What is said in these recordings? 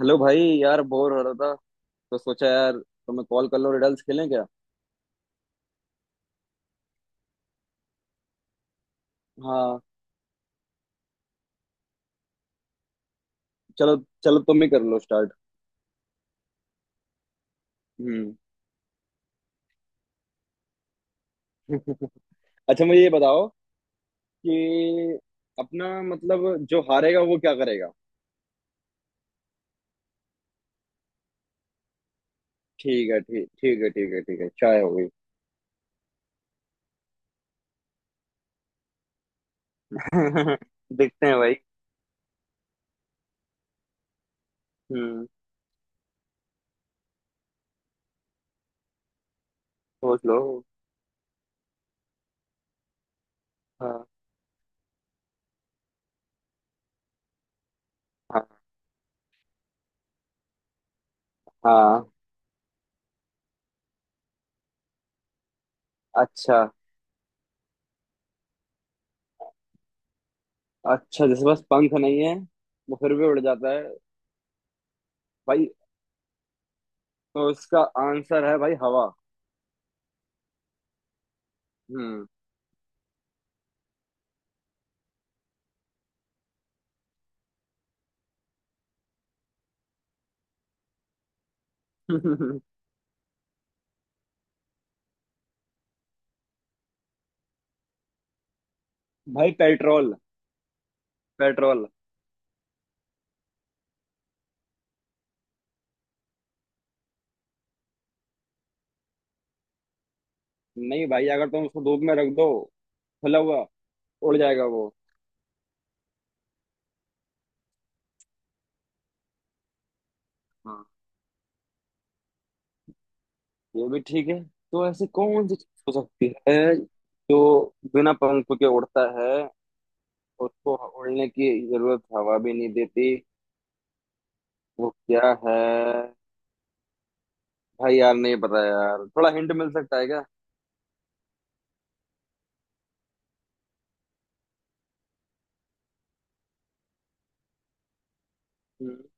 Hello भाई, यार bore हो रहा था तो सोचा यार तुम्हें कॉल कर लो। रिडल्स खेलें क्या? हाँ, चलो। चलो तुम ही कर लो स्टार्ट। हम्म। अच्छा मुझे ये बताओ कि अपना, मतलब जो हारेगा वो क्या करेगा। ठीक है, ठीक, ठीक है, ठीक है, ठीक है। चाय हो गई। देखते हैं भाई। हम्म, सोच लो। हाँ। हाँ। हाँ। अच्छा। अच्छा, जैसे बस पंख नहीं है वो फिर भी उड़ जाता है। भाई, तो इसका आंसर है भाई हवा। हम्म। भाई पेट्रोल। पेट्रोल। नहीं भाई, अगर तुम उसको धूप में रख दो खुला हुआ, उड़ जाएगा वो। हाँ, ये भी ठीक है। तो ऐसी कौन सी चीज हो सकती है जो बिना पंख के उड़ता है, उसको उड़ने की जरूरत हवा भी नहीं देती? वो क्या है? भाई यार, नहीं पता यार। थोड़ा हिंट मिल सकता है क्या? हम्म।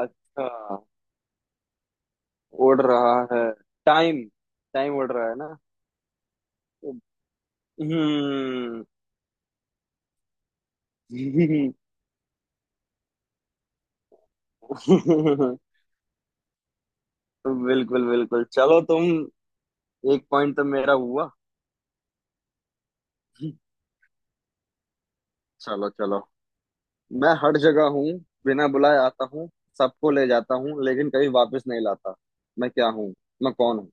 अच्छा, उड़ रहा है। टाइम। टाइम उड़ रहा है ना। हम्म। बिल्कुल, बिल्कुल। चलो तुम, एक पॉइंट तो मेरा हुआ। चलो, चलो। मैं हर जगह हूँ, बिना बुलाए आता हूँ, सबको ले जाता हूँ लेकिन कभी वापस नहीं लाता। मैं क्या हूँ? मैं कौन हूँ?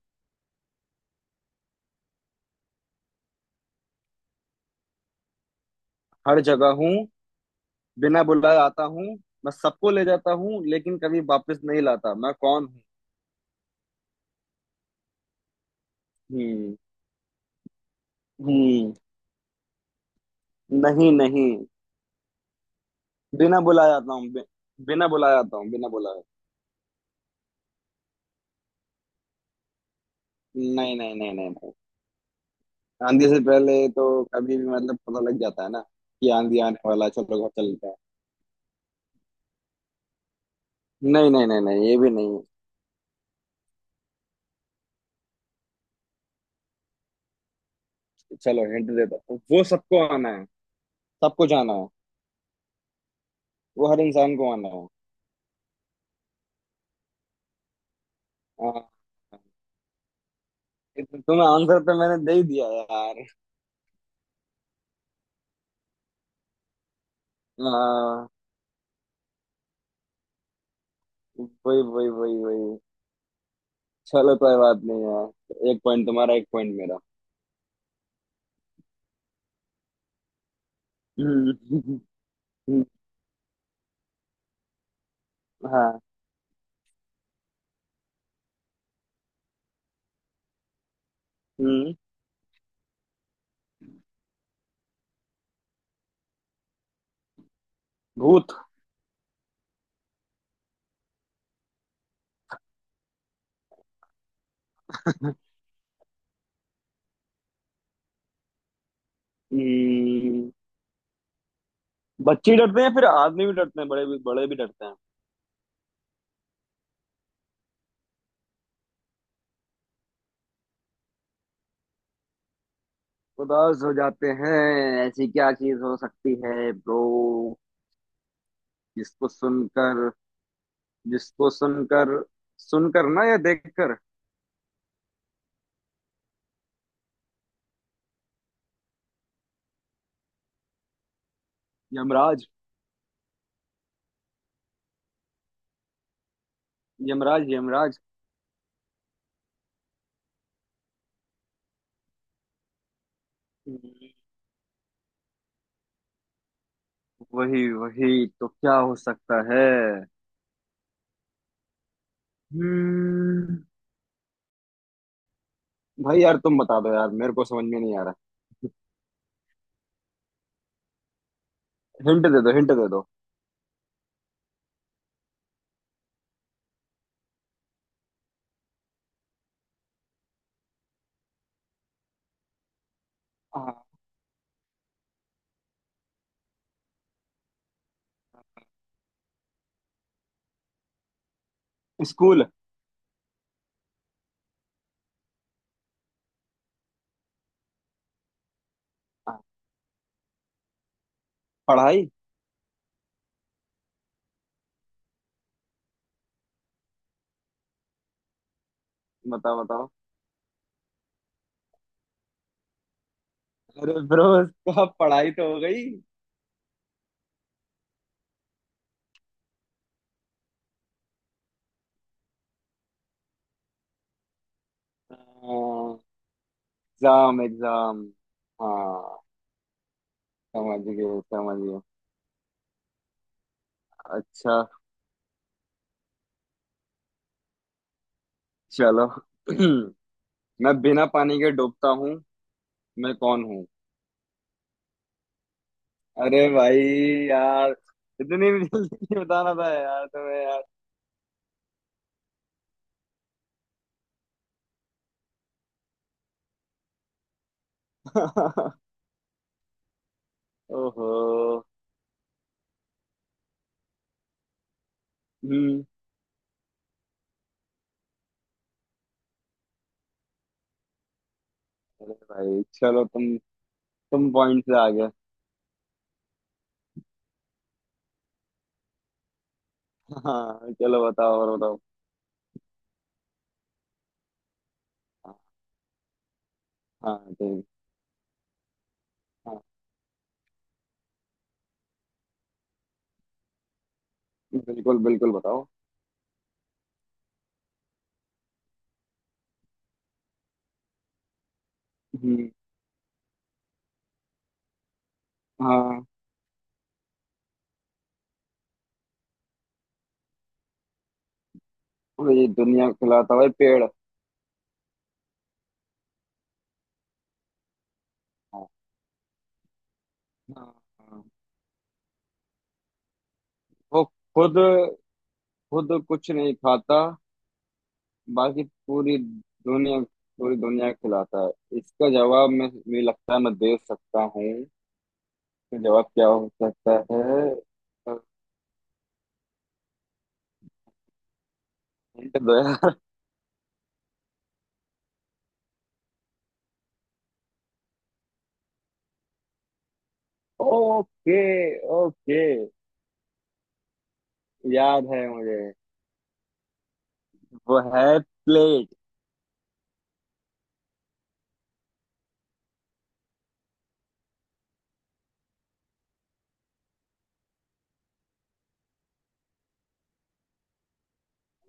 हर जगह हूँ, बिना बुलाए आता हूँ, मैं सबको ले जाता हूँ लेकिन कभी वापस नहीं लाता। मैं कौन हूँ? हम्म। हम्म। नहीं, नहीं। बिना बुलाए आता हूँ बिना बुलाए आता हूँ, बिना बुलाए। नहीं, नहीं, नहीं, नहीं, नहीं। आंधी से पहले तो कभी भी मतलब पता लग जाता है ना कि आंधी आने वाला है, चलो घर चलते हैं। नहीं, नहीं, नहीं, नहीं, ये भी नहीं। चलो हिंट देता हूँ। वो सबको आना है, सबको जाना है। वो हर इंसान को आना है। हाँ। तुम्हें आंसर तो मैंने दे ही दिया यार। हाँ। वही, वही, वही, वही। चलो कोई बात नहीं यार, एक पॉइंट तुम्हारा एक पॉइंट मेरा। हम्म। हम्म। हाँ। हम्म। भूत। हम्म। बच्चे डरते हैं, फिर आदमी भी डरते हैं, बड़े भी, बड़े भी डरते हैं। उदास हो जाते हैं। ऐसी क्या चीज हो सकती है ब्रो? जिसको सुनकर जिसको सुनकर, सुनकर ना, या देखकर? यमराज। यमराज। यमराज। वही, वही, तो क्या हो सकता है? हम्म। भाई यार, तुम बता दो यार, मेरे को समझ में नहीं आ रहा। हिंट दे दो, हिंट दे दो। हाँ। स्कूल। हाँ। पढ़ाई। बताओ, बताओ। अरे ब्रो, उसका पढ़ाई तो हो गई। Exam, exam. हाँ। समझ गए, समझ गए। अच्छा, चलो। मैं बिना पानी के डूबता हूँ, मैं कौन हूँ? अरे भाई, यार इतनी भी जल्दी नहीं बताना था यार तुम्हें यार। ओहो। हम्म। अरे भाई, चलो तुम पॉइंट से आगे। हाँ, चलो बताओ, और बताओ। हाँ, ठीक। हाँ, बिल्कुल, बिल्कुल, बताओ। हम्म। हाँ। ये दुनिया को खिलाता है, पेड़। हाँ। हाँ। हाँ। वो खुद खुद कुछ नहीं खाता। बाकी पूरी दुनिया, पूरी दुनिया को खिलाता है। इसका जवाब मैं मुझे लगता है मैं दे सकता हूँ। इसका जवाब क्या हो सकता है? हिंट दो यार। Okay, okay. याद है मुझे। वो है प्लेट।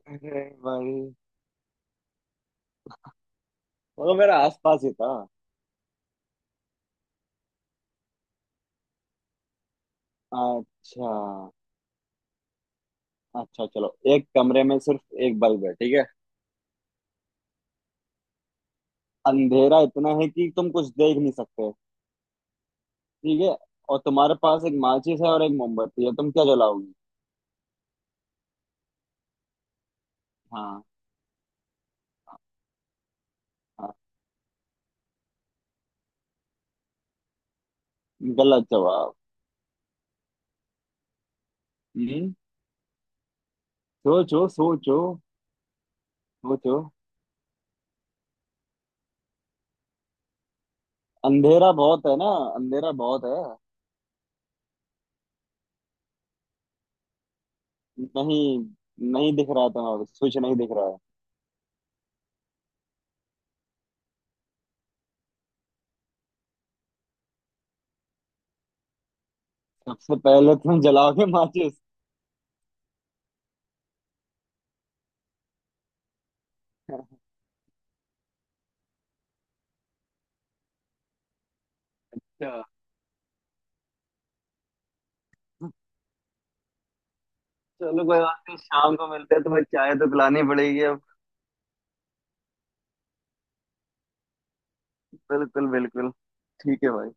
अरे भाई, वो मेरा आसपास ही था। अच्छा। अच्छा, चलो, एक कमरे में सिर्फ एक बल्ब है, ठीक है? अंधेरा इतना है कि तुम कुछ देख नहीं सकते। ठीक है, और तुम्हारे पास एक माचिस है और एक मोमबत्ती है, तुम क्या जलाओगी? हाँ। हाँ। हाँ। गलत जवाब। हम्म। सोचो, सोचो, सोचो। अंधेरा बहुत है ना। अंधेरा बहुत है। नहीं, नहीं दिख रहा। तुम्हारा स्विच नहीं दिख रहा है। सबसे पहले तुम जलाओगे माचिस। अच्छा। चलो कोई बात नहीं, शाम को मिलते हैं। तुम्हें चाय तो पिलानी पड़ेगी अब। बिल्कुल, बिल्कुल। ठीक है भाई।